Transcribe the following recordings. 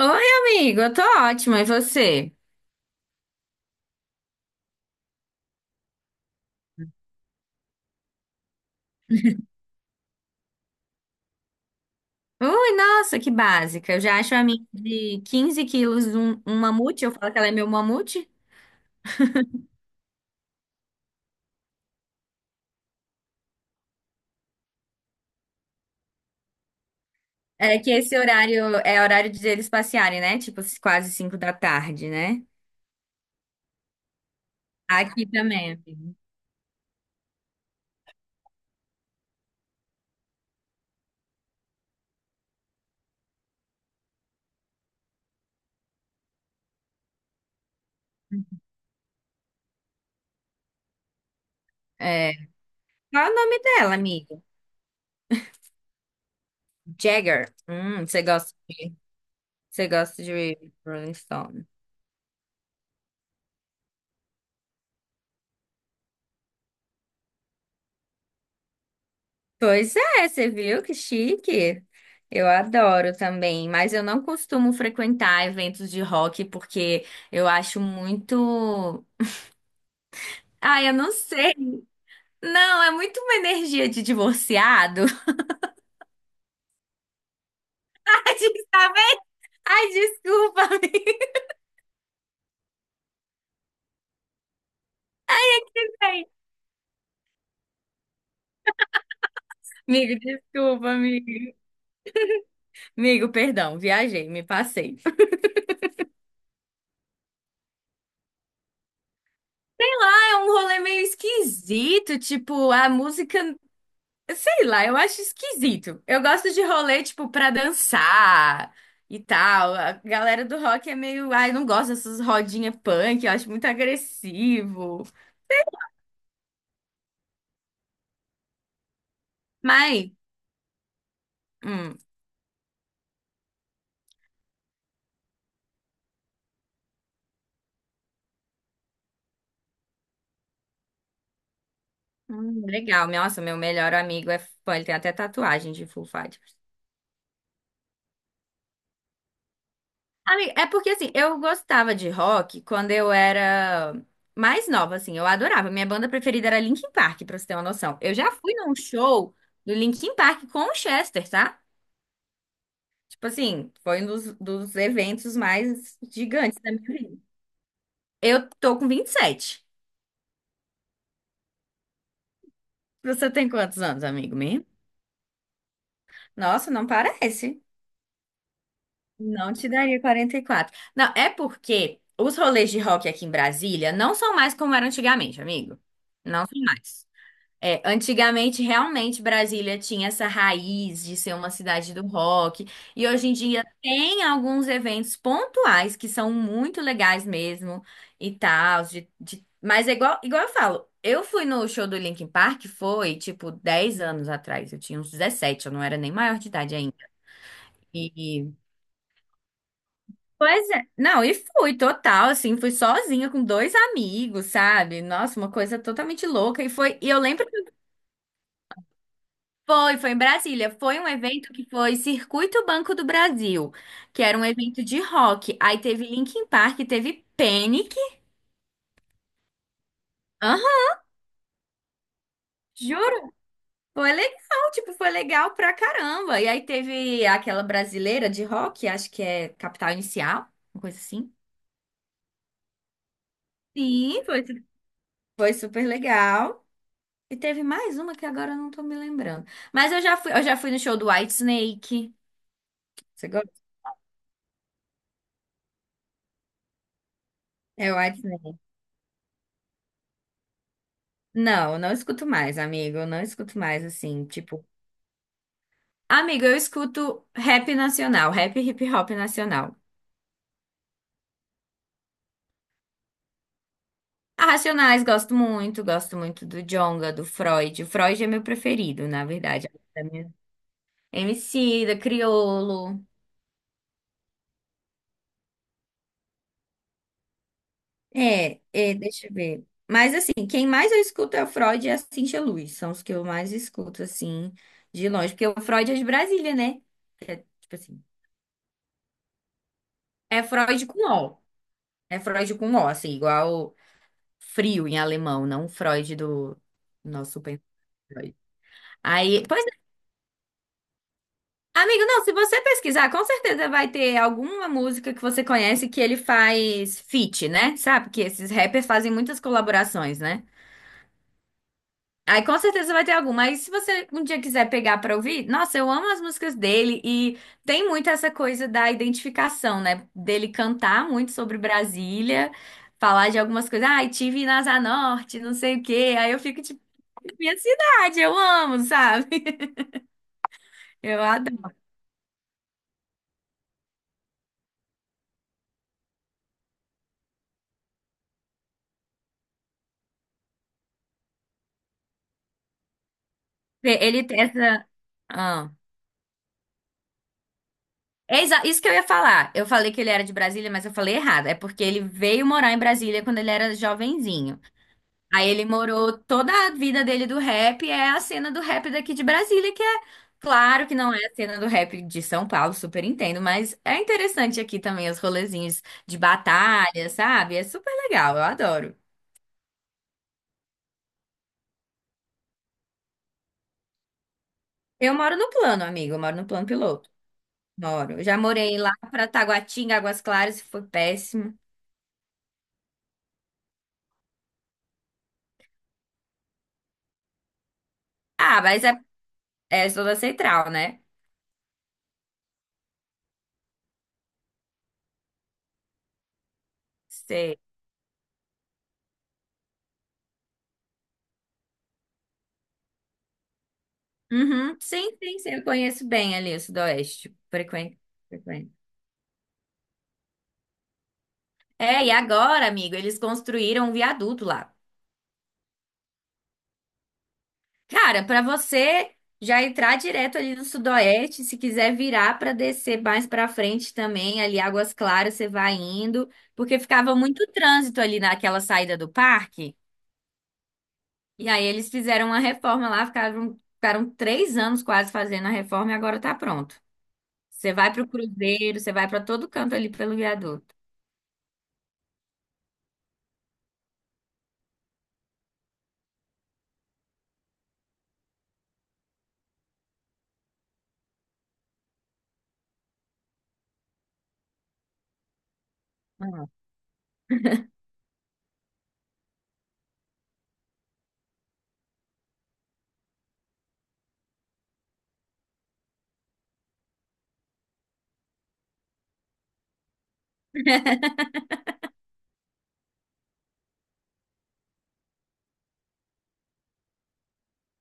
Oi, amigo, eu tô ótima, e você? Ui, nossa, que básica. Eu já acho a minha de 15 quilos um mamute, eu falo que ela é meu mamute. É que esse horário é horário de eles passearem, né? Tipo, quase 5 da tarde, né? Aqui também, amigo. É. Qual é o nome dela, amigo? Jagger. Você gosta de Rolling Stones. Pois é, você viu que chique? Eu adoro também, mas eu não costumo frequentar eventos de rock porque eu acho muito. Ai, eu não sei. Não, é muito uma energia de divorciado. Ai, tá vendo? Ai, desculpa, amigo. Amigo, desculpa, amigo. Amigo, perdão, viajei, me passei. É um rolê meio esquisito, tipo, a música. Sei lá, eu acho esquisito. Eu gosto de rolê, tipo, pra dançar e tal. A galera do rock é meio. Ai, não gosto dessas rodinhas punk, eu acho muito agressivo. Mas, hum, legal. Nossa, meu melhor amigo é fã, ele tem até tatuagem de Full Fighters. Amiga, é porque, assim, eu gostava de rock quando eu era mais nova, assim. Eu adorava. Minha banda preferida era Linkin Park, pra você ter uma noção. Eu já fui num show do Linkin Park com o Chester, tá? Tipo assim, foi um dos eventos mais gigantes da minha vida. Eu tô com 27. Você tem quantos anos, amigo meu? Nossa, não parece. Não te daria 44. Não, é porque os rolês de rock aqui em Brasília não são mais como eram antigamente, amigo. Não são mais. É, antigamente, realmente, Brasília tinha essa raiz de ser uma cidade do rock, e hoje em dia tem alguns eventos pontuais que são muito legais mesmo e tal. Mas é igual eu falo, eu fui no show do Linkin Park, foi tipo 10 anos atrás, eu tinha uns 17. Eu não era nem maior de idade ainda. E, pois é, não, e fui total, assim, fui sozinha com dois amigos, sabe? Nossa, uma coisa totalmente louca. E foi, e eu lembro. Foi em Brasília. Foi um evento que foi Circuito Banco do Brasil, que era um evento de rock. Aí teve Linkin Park, teve Panic. Aham, juro. Foi legal, tipo, foi legal pra caramba. E aí teve aquela brasileira de rock, acho que é Capital Inicial, uma coisa assim. Sim, foi, foi super legal. E teve mais uma que agora eu não tô me lembrando. Mas eu já fui no show do Whitesnake. Você gosta? É o Whitesnake. Não, eu não escuto mais, amigo. Eu não escuto mais, assim, tipo. Amigo, eu escuto rap nacional, rap e hip hop nacional. A Racionais gosto muito do Djonga, do Freud. O Freud é meu preferido, na verdade. Da minha- MC, Criolo. É, é, deixa eu ver. Mas assim, quem mais eu escuto é o Freud e a Cintia Luz. São os que eu mais escuto, assim, de longe. Porque o Freud é de Brasília, né? É, tipo assim, é Freud com O. É Freud com O, assim, igual frio em alemão, não Freud do nosso pensamento. Aí, pois, é. Amigo, não, se você pesquisar, com certeza vai ter alguma música que você conhece que ele faz feat, né? Sabe que esses rappers fazem muitas colaborações, né? Aí com certeza vai ter alguma. Aí se você um dia quiser pegar pra ouvir, nossa, eu amo as músicas dele e tem muito essa coisa da identificação, né? Dele cantar muito sobre Brasília, falar de algumas coisas, ai, tive na Asa Norte, não sei o quê. Aí eu fico tipo, minha cidade, eu amo, sabe? Eu adoro. Ele tem essa. Ah. É isso que eu ia falar. Eu falei que ele era de Brasília, mas eu falei errado. É porque ele veio morar em Brasília quando ele era jovenzinho. Aí ele morou toda a vida dele do rap, é a cena do rap daqui de Brasília, que é claro que não é a cena do rap de São Paulo, super entendo, mas é interessante aqui também os rolezinhos de batalha, sabe? É super legal, eu adoro. Eu moro no plano, amigo, eu moro no plano piloto. Moro. Eu já morei lá pra Taguatinga, Águas Claras, e foi péssimo. Ah, mas é, zona central, né? Sei. Uhum. Sim, sim, sim, eu conheço bem ali o Sudoeste. Frequente, frequente. É, e agora, amigo, eles construíram um viaduto lá. Cara, pra você já entrar direto ali no Sudoeste, se quiser virar pra descer mais pra frente também, ali Águas Claras, você vai indo, porque ficava muito trânsito ali naquela saída do parque. E aí eles fizeram uma reforma lá, ficaram 3 anos quase fazendo a reforma e agora tá pronto. Você vai pro Cruzeiro, você vai pra todo canto ali pelo viaduto.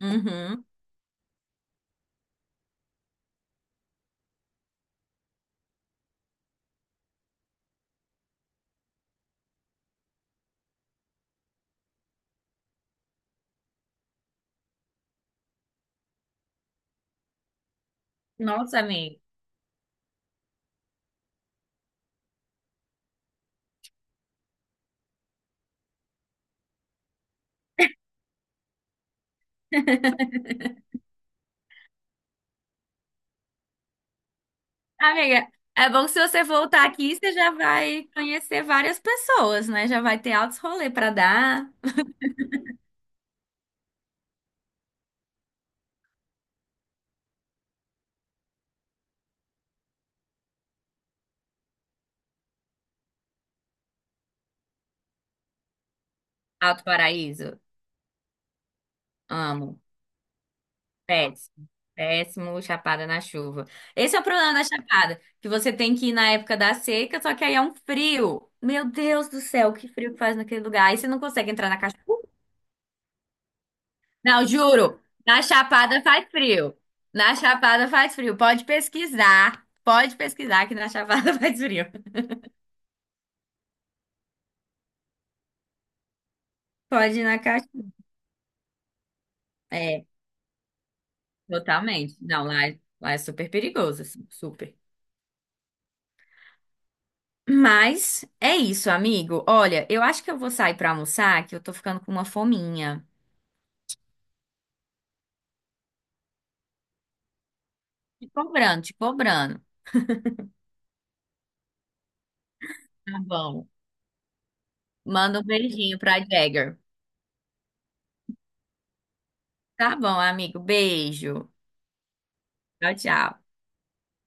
Uhum. Nossa, amiga. Amiga, é bom que se você voltar aqui, você já vai conhecer várias pessoas, né? Já vai ter altos rolê pra dar. Alto Paraíso, amo. Péssimo. Péssimo, Chapada na chuva. Esse é o problema da Chapada, que você tem que ir na época da seca, só que aí é um frio. Meu Deus do céu, que frio que faz naquele lugar. Aí você não consegue entrar na cachoeira. Não, juro, na Chapada faz frio. Na Chapada faz frio. Pode pesquisar. Pode pesquisar que na Chapada faz frio. Pode ir na caixa. É, totalmente. Não, lá, lá é super perigoso, assim, super. Mas é isso, amigo. Olha, eu acho que eu vou sair pra almoçar, que eu tô ficando com uma fominha. Te cobrando, te cobrando. Tá bom. Manda um beijinho pra Jagger. Tá bom, amigo. Beijo. Tchau, tchau.